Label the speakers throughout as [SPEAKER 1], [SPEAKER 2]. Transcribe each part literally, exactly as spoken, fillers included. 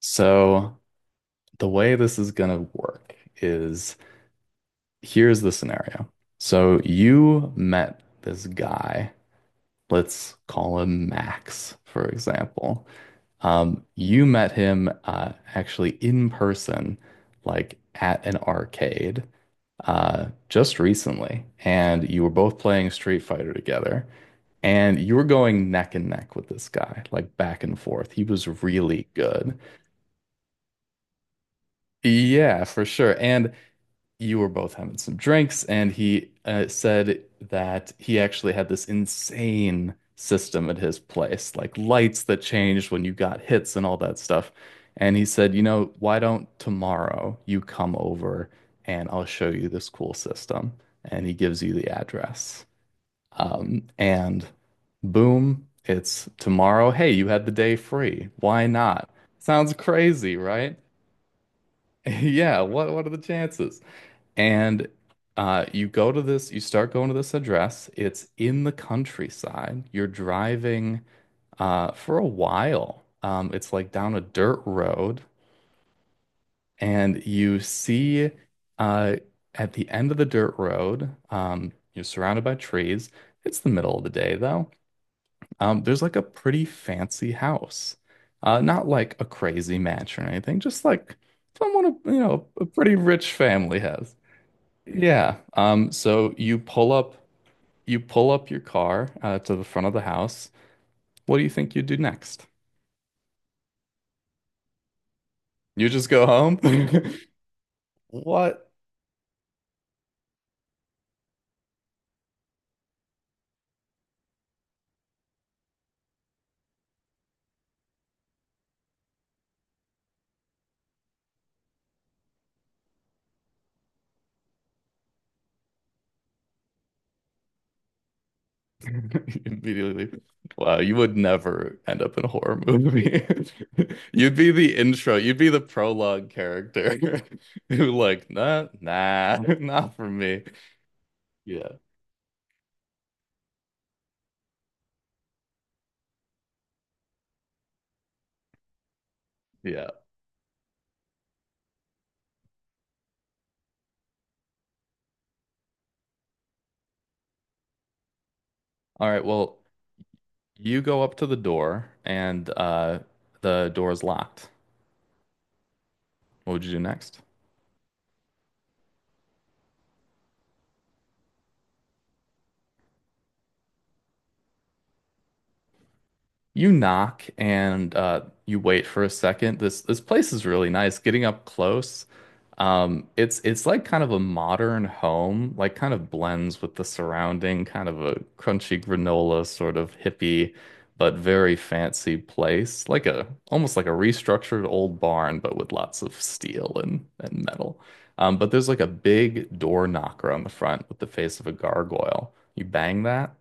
[SPEAKER 1] So, the way this is going to work is here's the scenario. So, you met this guy, let's call him Max, for example. Um, you met him uh, actually in person, like at an arcade, uh, just recently, and you were both playing Street Fighter together. And you were going neck and neck with this guy, like back and forth. He was really good. Yeah, for sure. And you were both having some drinks, and he uh, said that he actually had this insane system at his place, like lights that changed when you got hits and all that stuff. And he said, you know, why don't tomorrow you come over and I'll show you this cool system? And he gives you the address. Um, and boom, it's tomorrow. Hey, you had the day free. Why not? Sounds crazy, right? Yeah, what what are the chances? And uh, you go to this, you start going to this address. It's in the countryside. You're driving uh, for a while. Um, it's like down a dirt road, and you see uh, at the end of the dirt road, um, you're surrounded by trees. It's the middle of the day, though. Um, there's like a pretty fancy house. Uh, not like a crazy mansion or anything, just like someone, you know, a pretty rich family has. Yeah. Um, so you pull up you pull up your car uh, to the front of the house. What do you think you do next? You just go home? What? Immediately. Wow, you would never end up in a horror movie. You'd be the intro, you'd be the prologue character who like, nah, nah, not for me. Yeah. Yeah. All right, well, you go up to the door and uh the door is locked. What would you do next? You knock and uh, you wait for a second. This this place is really nice. Getting up close, um, it's it's like kind of a modern home, like kind of blends with the surrounding, kind of a crunchy granola sort of hippie, but very fancy place. Like a almost like a restructured old barn, but with lots of steel and and metal. Um, but there's like a big door knocker on the front with the face of a gargoyle. You bang that.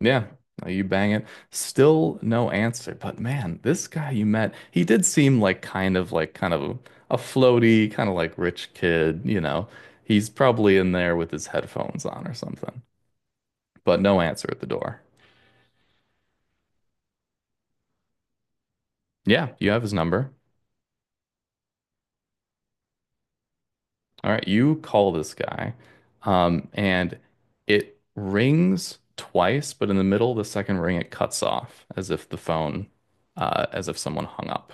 [SPEAKER 1] Yeah, no, you bang it. Still no answer. But man, this guy you met, he did seem like kind of like kind of a floaty, kind of like rich kid, you know. He's probably in there with his headphones on or something. But no answer at the door. Yeah, you have his number. All right, you call this guy. Um, and it rings twice, but in the middle of the second ring, it cuts off as if the phone, uh, as if someone hung up.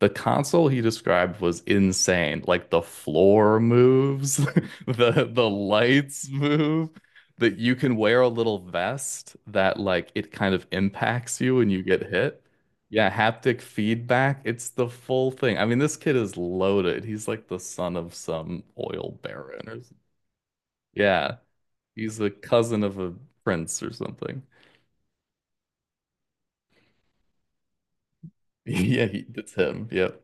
[SPEAKER 1] The console he described was insane. Like the floor moves, the the lights move, that you can wear a little vest that like it kind of impacts you when you get hit. Yeah, haptic feedback. It's the full thing. I mean, this kid is loaded. He's like the son of some oil baron or something. Yeah, he's a cousin of a prince or something. Yeah, he, it's him. Yep.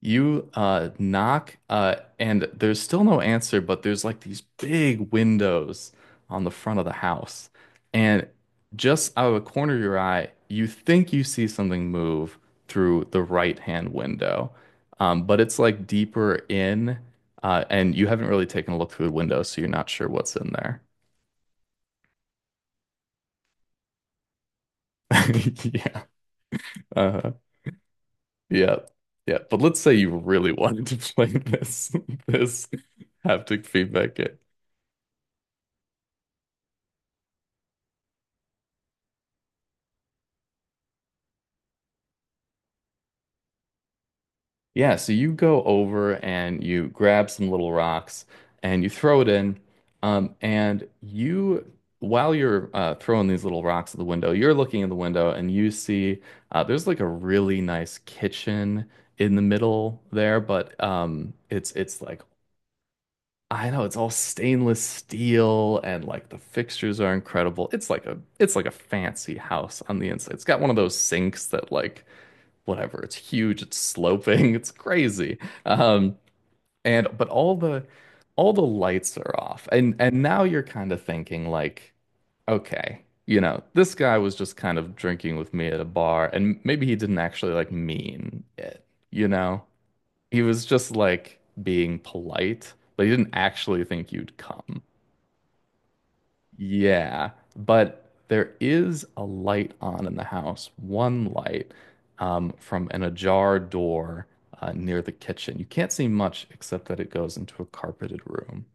[SPEAKER 1] You uh knock uh and there's still no answer, but there's like these big windows on the front of the house. And just out of the corner of your eye, you think you see something move through the right-hand window. Um, but it's like deeper in uh and you haven't really taken a look through the window, so you're not sure what's in there. Yeah. Uh yeah. Yeah. But let's say you really wanted to play this this haptic feedback game. Yeah, so you go over and you grab some little rocks and you throw it in. Um, and you, while you're uh, throwing these little rocks at the window, you're looking in the window and you see uh, there's like a really nice kitchen in the middle there, but um, it's it's like I know it's all stainless steel and like the fixtures are incredible. It's like a it's like a fancy house on the inside. It's got one of those sinks that like whatever. It's huge, it's sloping, it's crazy. Um, and but all the all the lights are off. And and now you're kind of thinking like, okay, you know, this guy was just kind of drinking with me at a bar, and maybe he didn't actually like mean it, you know? He was just like being polite, but he didn't actually think you'd come. Yeah, but there is a light on in the house, one light um, from an ajar door uh, near the kitchen. You can't see much except that it goes into a carpeted room.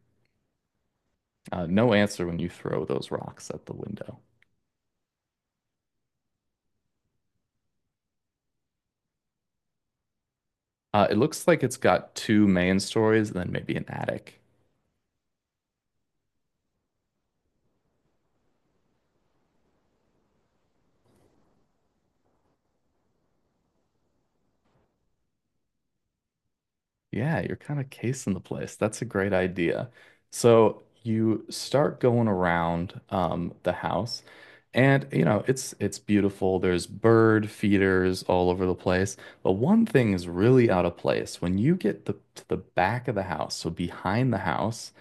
[SPEAKER 1] Uh, no answer when you throw those rocks at the window. Uh, it looks like it's got two main stories and then maybe an attic. Yeah, you're kind of casing the place. That's a great idea. So you start going around um, the house, and you know it's it's beautiful. There's bird feeders all over the place. But one thing is really out of place. When you get the, to the back of the house, so behind the house,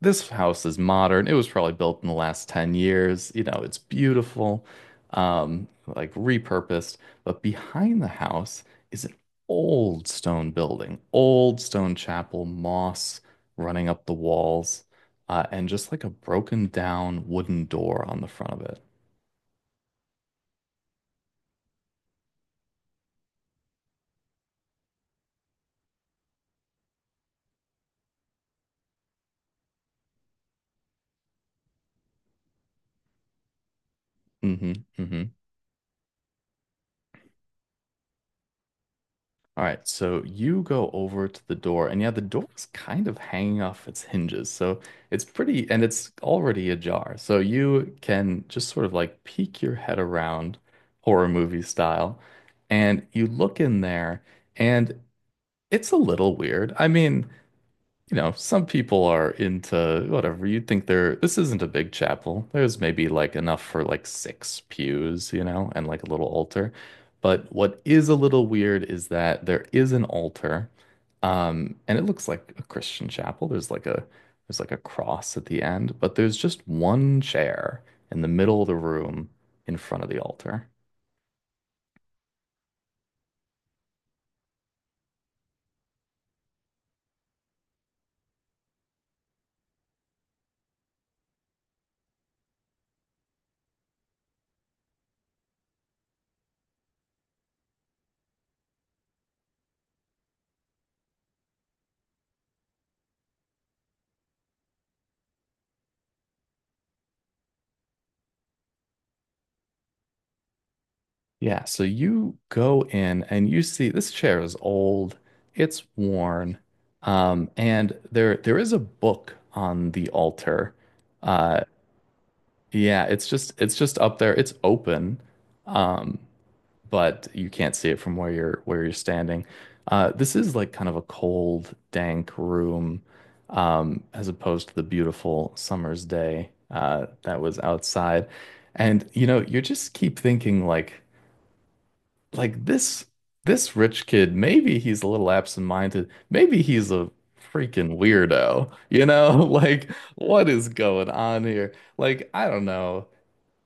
[SPEAKER 1] this house is modern. It was probably built in the last ten years. You know, it's beautiful, um, like repurposed. But behind the house is an old stone building, old stone chapel, moss running up the walls, uh, and just like a broken down wooden door on the front of it. Hmm. Hmm. All right, so you go over to the door, and yeah, the door is kind of hanging off its hinges. So it's pretty, and it's already ajar. So you can just sort of like peek your head around horror movie style, and you look in there, and it's a little weird. I mean, you know, some people are into whatever. You'd think there, this isn't a big chapel. There's maybe like enough for like six pews, you know, and like a little altar. But what is a little weird is that there is an altar, um, and it looks like a Christian chapel. There's like a there's like a cross at the end, but there's just one chair in the middle of the room in front of the altar. Yeah, so you go in and you see this chair is old, it's worn, um, and there there is a book on the altar. Uh, yeah, it's just it's just up there. It's open, um, but you can't see it from where you're where you're standing. Uh, this is like kind of a cold, dank room, um, as opposed to the beautiful summer's day uh, that was outside. And you know, you just keep thinking like like this this rich kid, maybe he's a little absent-minded. Maybe he's a freaking weirdo. You know, like what is going on here? Like, I don't know.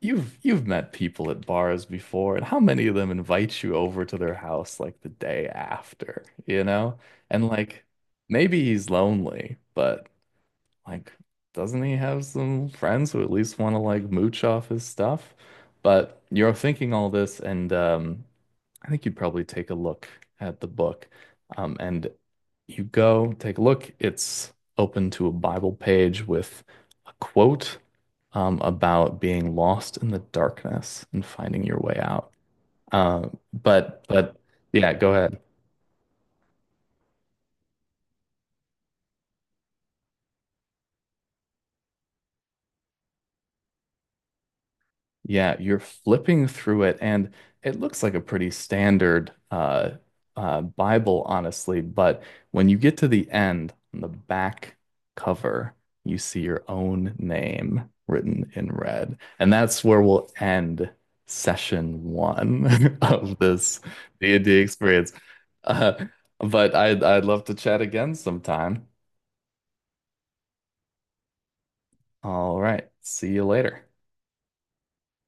[SPEAKER 1] You've you've met people at bars before, and how many of them invite you over to their house like the day after, you know? And like maybe he's lonely, but like doesn't he have some friends who at least want to like mooch off his stuff? But you're thinking all this and um I think you'd probably take a look at the book. Um, and you go take a look. It's open to a Bible page with a quote um, about being lost in the darkness and finding your way out. Uh, but but yeah, go ahead. Yeah, you're flipping through it, and it looks like a pretty standard uh, uh, Bible, honestly. But when you get to the end, on the back cover, you see your own name written in red. And that's where we'll end session one of this D and D experience. Uh, but I'd, I'd love to chat again sometime. All right, see you later.